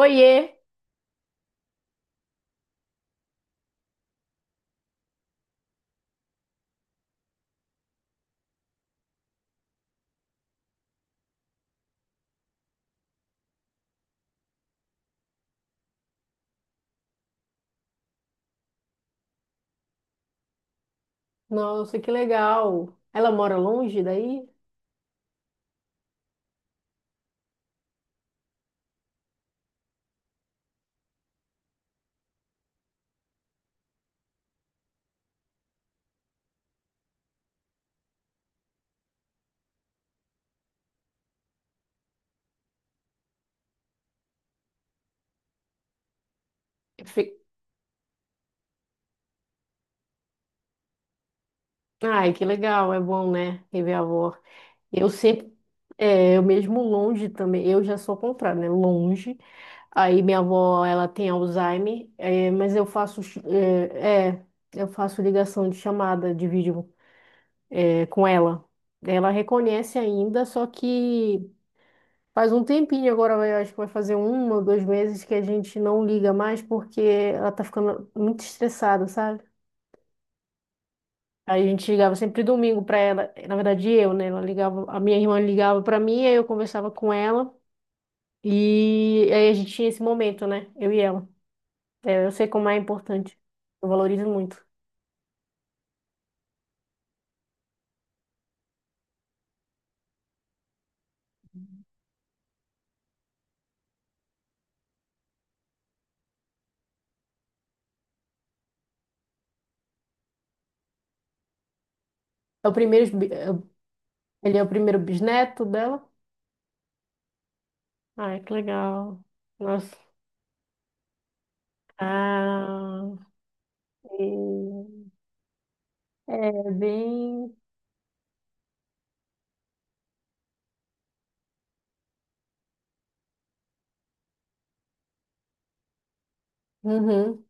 Oiê! Nossa, que legal! Ela mora longe daí? Fi- Ai, que legal, é bom, né? Rever a avó. Eu sempre, é, eu mesmo longe também, eu já sou ao contrário, né? Longe. Aí minha avó, ela tem Alzheimer, é, mas eu faço, é, é, eu faço ligação de chamada de vídeo, é, com ela. Ela reconhece ainda, só que. Faz um tempinho agora, acho que vai fazer um ou dois meses que a gente não liga mais porque ela tá ficando muito estressada, sabe? Aí a gente ligava sempre domingo pra ela, na verdade eu, né? Ela ligava, a minha irmã ligava pra mim, aí eu conversava com ela e aí a gente tinha esse momento, né? Eu e ela. É, eu sei como é importante, eu valorizo muito. É o primeiro, ele é o primeiro bisneto dela. Ai, que legal. Nossa. Ah, e- é bem. Uhum.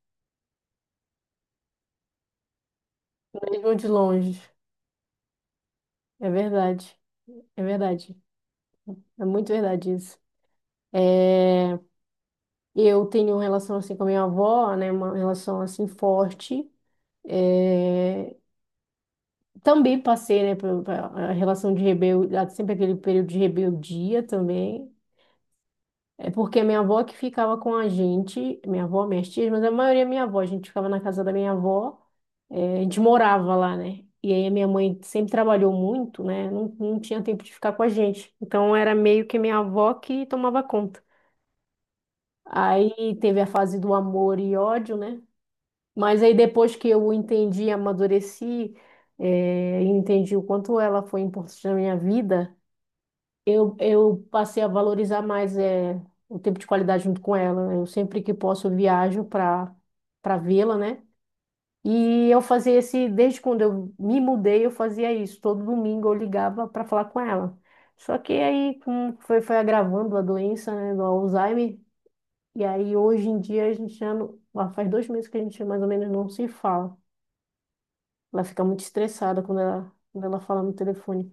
Mesmo de longe. É verdade. É verdade. É muito verdade isso. É, eu tenho uma relação assim com a minha avó, né? Uma relação assim forte. É, também passei, né, a relação de rebeldia, sempre aquele período de rebeldia também. É porque minha avó que ficava com a gente, minha avó, minhas tias, mas a maioria é minha avó, a gente ficava na casa da minha avó, eh, a gente morava lá, né? E aí a minha mãe sempre trabalhou muito, né? Não tinha tempo de ficar com a gente. Então era meio que minha avó que tomava conta. Aí teve a fase do amor e ódio, né? Mas aí depois que eu entendi, amadureci, eh, e entendi o quanto ela foi importante na minha vida. Eu passei a valorizar mais é, o tempo de qualidade junto com ela. Eu sempre que posso eu viajo para vê-la, né? E eu fazia esse, desde quando eu me mudei, eu fazia isso. Todo domingo eu ligava para falar com ela. Só que aí foi, foi agravando a doença, né, do Alzheimer. E aí hoje em dia a gente já não, lá faz dois meses que a gente mais ou menos não se fala. Ela fica muito estressada quando ela fala no telefone.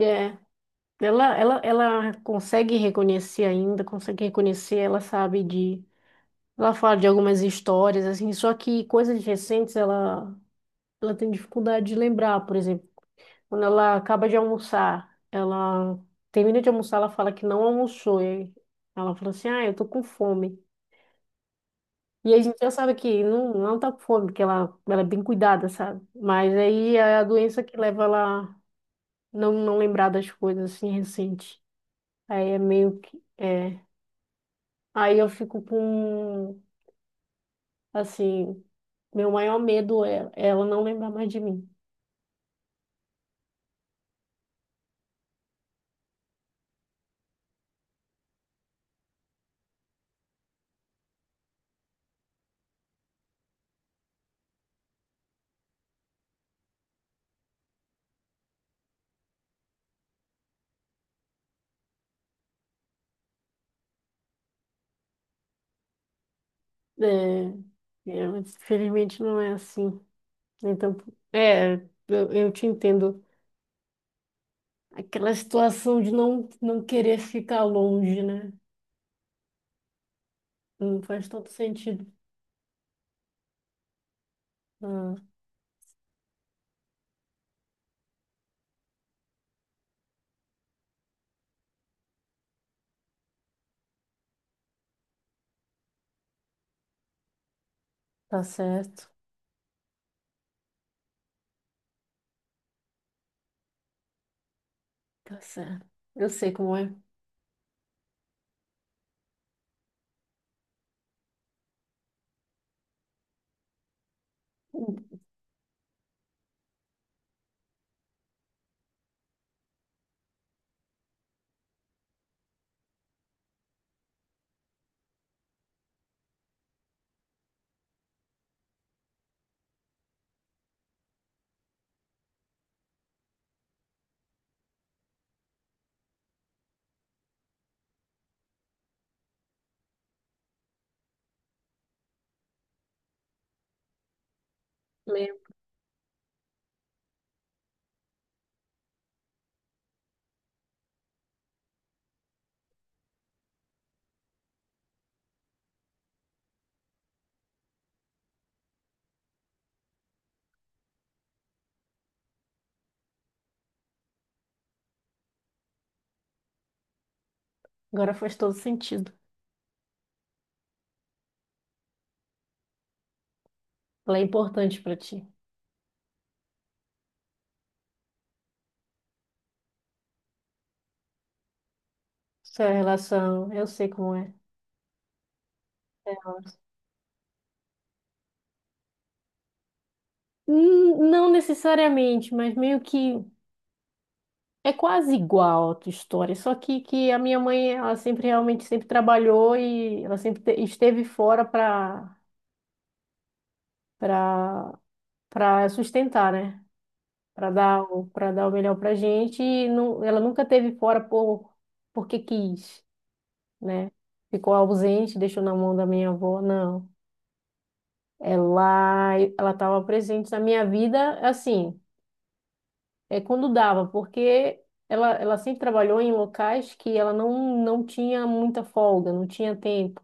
É Ela consegue reconhecer ainda, consegue reconhecer, ela sabe de. Ela fala de algumas histórias, assim, só que coisas recentes ela, ela tem dificuldade de lembrar, por exemplo. Quando ela acaba de almoçar, ela termina de almoçar, ela fala que não almoçou. E ela fala assim, ah, eu tô com fome. E a gente já sabe que não, não tá com fome, porque ela é bem cuidada, sabe? Mas aí é a doença que leva ela a não, não lembrar das coisas, assim, recentes. Aí é meio que. É, Aí eu fico com, assim, meu maior medo é ela não lembrar mais de mim. É, é, mas infelizmente não é assim. Então, é, eu te entendo. Aquela situação de não, não querer ficar longe, né? Não faz todo sentido. Ah, tá certo, tá certo. Eu sei como é. Lembro. Agora faz todo sentido. Ela é importante pra ti. Sua relação, eu sei como é. É, hum, não necessariamente, mas meio que é quase igual a tua história, só que a minha mãe, ela sempre realmente sempre trabalhou e ela sempre esteve fora para para sustentar, né? Para dar o melhor pra gente e não, ela nunca esteve fora porque quis, né? Ficou ausente, deixou na mão da minha avó, não. Ela estava presente na minha vida assim, é, quando dava, porque ela sempre trabalhou em locais que ela não, não tinha muita folga, não tinha tempo.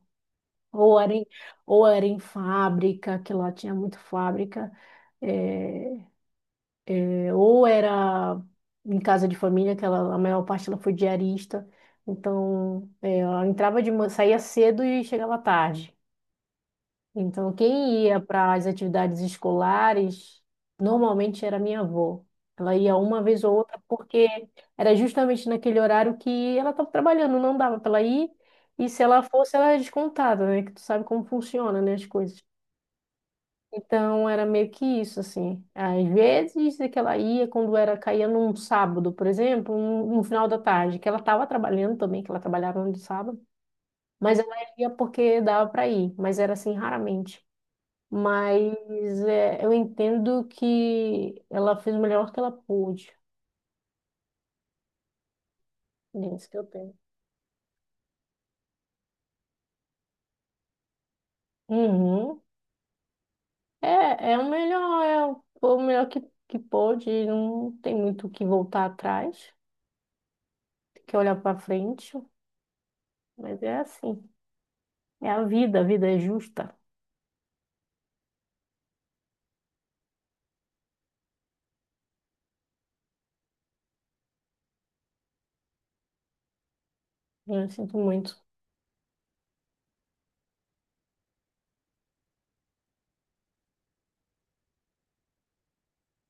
Ou era em, ou era em fábrica, que lá tinha muita fábrica, é, é, ou era em casa de família, que ela, a maior parte ela foi diarista. Então, é, ela entrava de manhã, saía cedo e chegava tarde. Então, quem ia para as atividades escolares normalmente era minha avó. Ela ia uma vez ou outra porque era justamente naquele horário que ela estava trabalhando, não dava para ela ir. E se ela fosse, ela era descontada, né? Que tu sabe como funciona, né, as coisas. Então, era meio que isso, assim. Às vezes é que ela ia quando era caía num sábado, por exemplo, um final da tarde, que ela estava trabalhando também, que ela trabalhava no sábado, mas ela ia porque dava para ir, mas era assim raramente. Mas é, eu entendo que ela fez o melhor que ela pôde. É isso que eu tenho. Uhum. É, é o melhor que pôde. Não tem muito o que voltar atrás, tem que olhar para frente. Mas é assim. É a vida é justa. Eu sinto muito,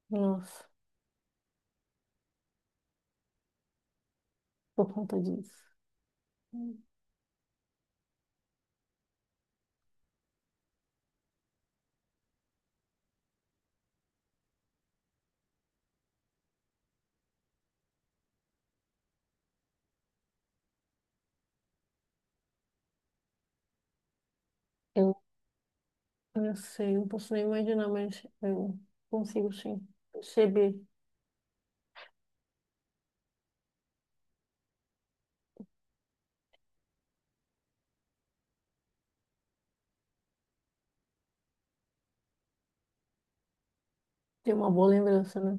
nossa, por conta disso. Eu, eu sei, não posso nem imaginar, mas eu consigo sim perceber. Tem uma boa lembrança, né?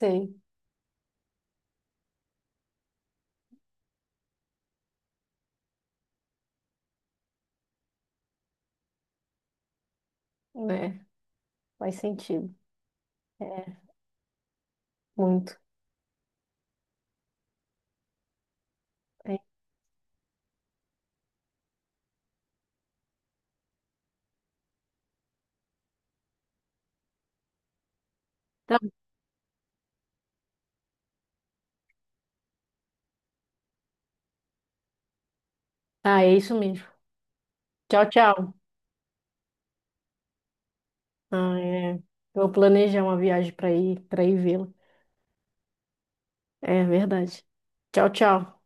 Sei, né? Faz sentido. É Muito. É. Então, ah, é isso mesmo. Tchau, tchau. Ah, é. Eu vou planejar uma viagem para ir vê-lo. É verdade. Tchau, tchau.